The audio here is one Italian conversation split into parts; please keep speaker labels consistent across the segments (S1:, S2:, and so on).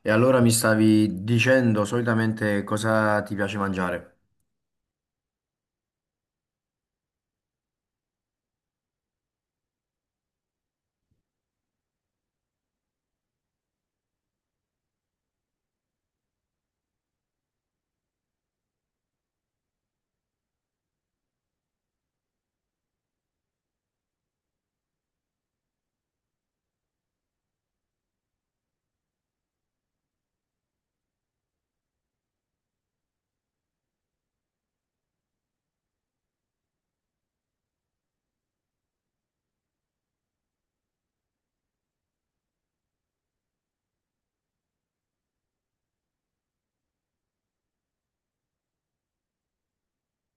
S1: E allora mi stavi dicendo solitamente cosa ti piace mangiare?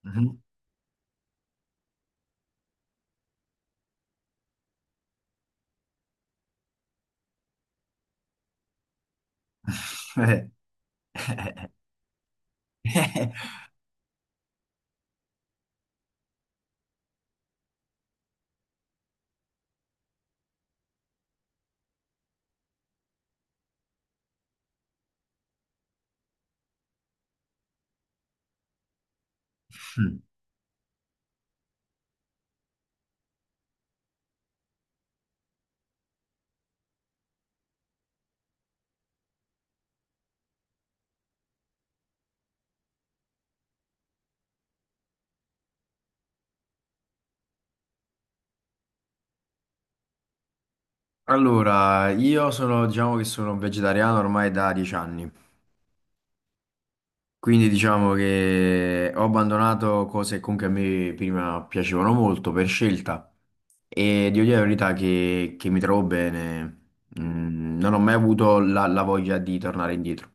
S1: Mhm. Eh. Allora, io sono, diciamo che sono vegetariano ormai da 10 anni, quindi diciamo che ho abbandonato cose che comunque a me prima piacevano molto per scelta e devo dire la verità che mi trovo bene. Mm, non ho mai avuto la voglia di tornare indietro.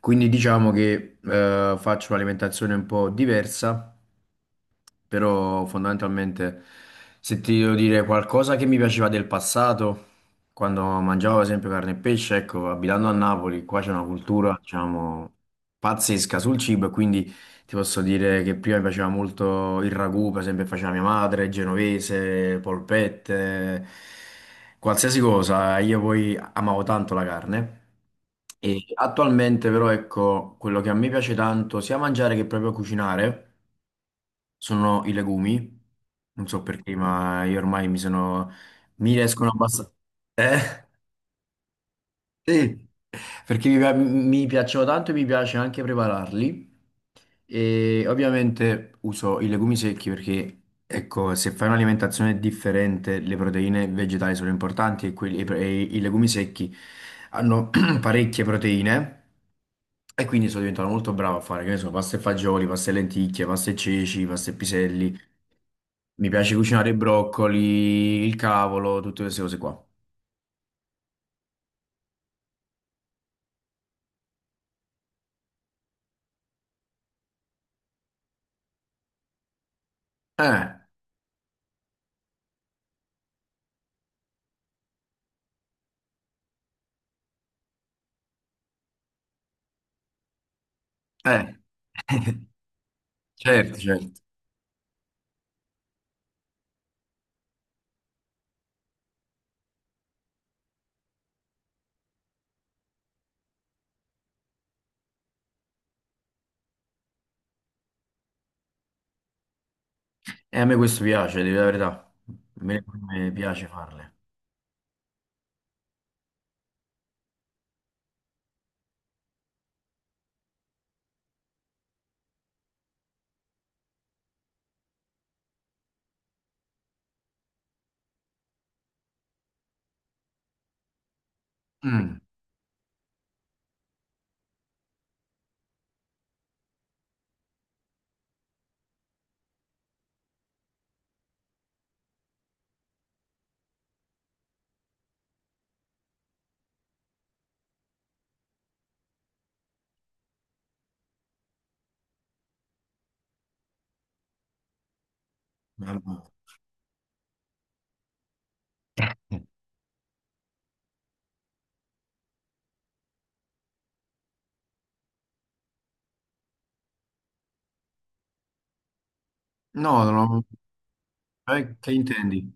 S1: Quindi diciamo che faccio un'alimentazione un po' diversa, però fondamentalmente se ti devo dire qualcosa che mi piaceva del passato, quando mangiavo ad esempio carne e pesce, ecco, abitando a Napoli, qua c'è una cultura, diciamo, pazzesca sul cibo, e quindi ti posso dire che prima mi piaceva molto il ragù, per esempio, che faceva mia madre, genovese, polpette, qualsiasi cosa. Io poi amavo tanto la carne. E attualmente però ecco, quello che a me piace tanto sia mangiare che proprio cucinare sono i legumi. Non so perché, ma io ormai mi sono... mi riescono abbastanza... Eh? Sì, perché mi piacciono tanto e mi piace anche prepararli. E ovviamente uso i legumi secchi perché, ecco, se fai un'alimentazione differente, le proteine vegetali sono importanti e i legumi secchi hanno parecchie proteine. E quindi sono diventato molto bravo a fare, che ne so, pasta e fagioli, pasta e lenticchie, pasta e ceci, pasta e piselli. Mi piace cucinare i broccoli, il cavolo, tutte queste cose qua. Eh, eh. Certo, certo. E a me questo piace, devo dire la verità. A me me piace farle. Mm. Allora. No, no, no. Che intendi?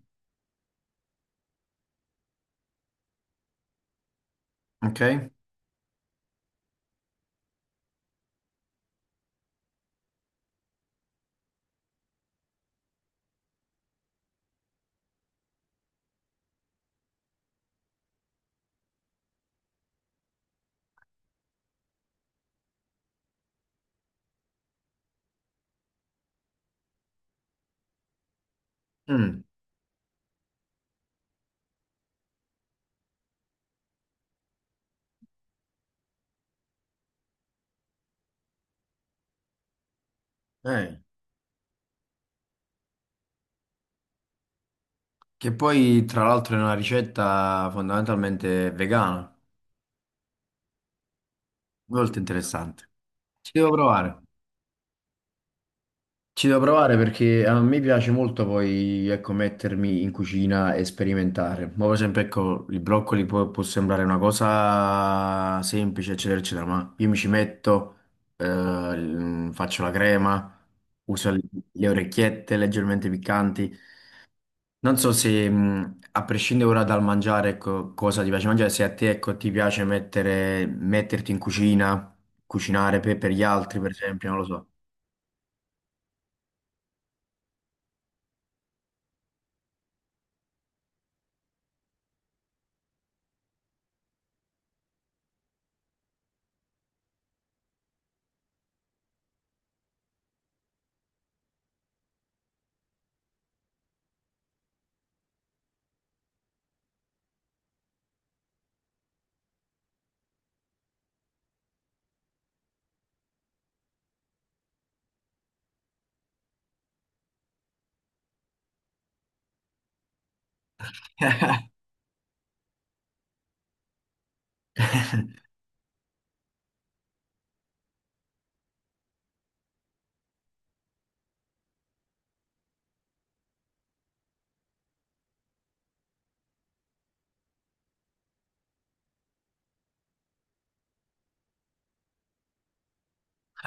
S1: Ok? Mm. Eh, che poi, tra l'altro, è una ricetta fondamentalmente vegana. Molto interessante. Ci devo provare. Ci devo provare perché a me piace molto poi, ecco, mettermi in cucina e sperimentare. Ma per esempio, ecco, i broccoli può, può sembrare una cosa semplice, eccetera, eccetera, ma io mi ci metto, l- faccio la crema, uso le orecchiette leggermente piccanti. Non so se, a prescindere ora dal mangiare, ecco, cosa ti piace mangiare, se a te, ecco, ti piace mettere, metterti in cucina, cucinare per gli altri, per esempio, non lo so.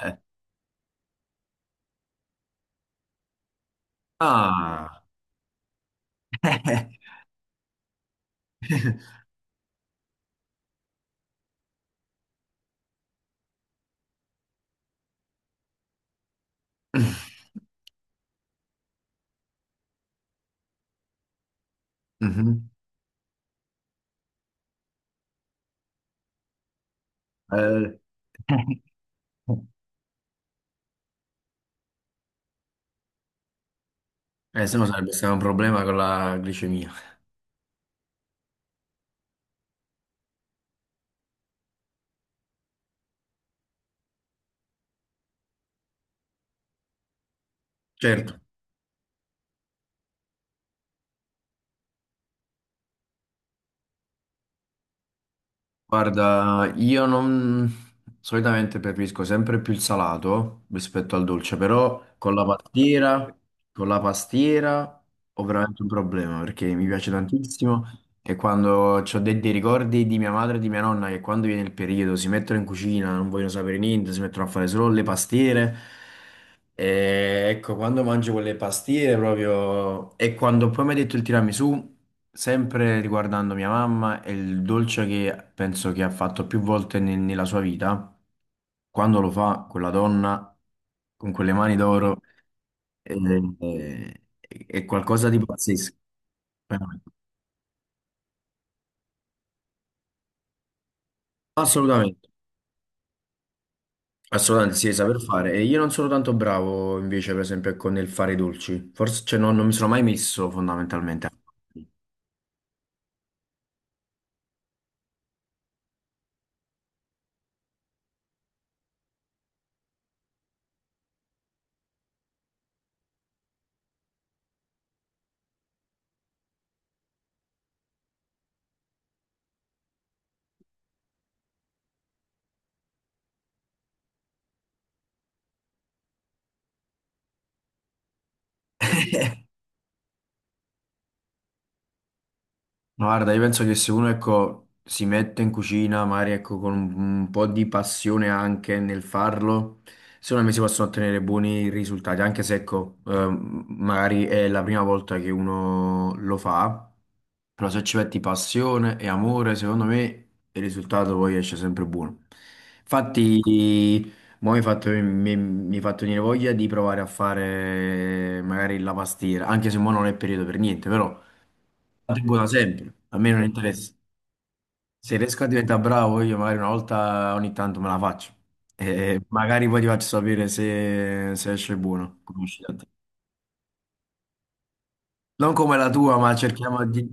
S1: Eh. Ah! Mhm. Eh, se no sarebbe stato un problema con la glicemia. Certo, guarda, io non solitamente preferisco sempre più il salato rispetto al dolce, però con la pastiera ho veramente un problema perché mi piace tantissimo e quando ho dei, dei ricordi di mia madre e di mia nonna che quando viene il periodo si mettono in cucina, non vogliono sapere niente, si mettono a fare solo le pastiere. E ecco, quando mangio quelle pastiere proprio... E quando poi mi hai detto il tiramisù, sempre riguardando mia mamma, è il dolce che penso che ha fatto più volte nella sua vita. Quando lo fa quella donna, con quelle mani d'oro, è, è- è qualcosa di pazzesco. Veramente. Assolutamente, assolutamente sì, saper fare. E io non sono tanto bravo invece, per esempio, con il fare i dolci. Forse, cioè, non mi sono mai messo fondamentalmente. Ma guarda, io penso che se uno, ecco, si mette in cucina, magari, ecco, con un po' di passione anche nel farlo, secondo me si possono ottenere buoni risultati, anche se, ecco, magari è la prima volta che uno lo fa, però se ci metti passione e amore, secondo me il risultato poi esce sempre buono. Infatti, mo mi hai fatto, mi hai fatto venire voglia di provare a fare magari la pastiera, anche se mo non è periodo per niente, però... La regola sempre, a me non interessa. Se riesco a diventare bravo, io magari una volta ogni tanto me la faccio. E magari poi ti faccio sapere se, se esce buono, come esce da te. Non come la tua, ma cerchiamo di...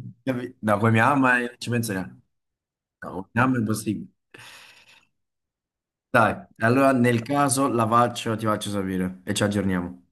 S1: Da come mi ama e ci penserà. No, come mi ama è impossibile. Dai, allora nel caso la faccio, ti faccio sapere e ci aggiorniamo.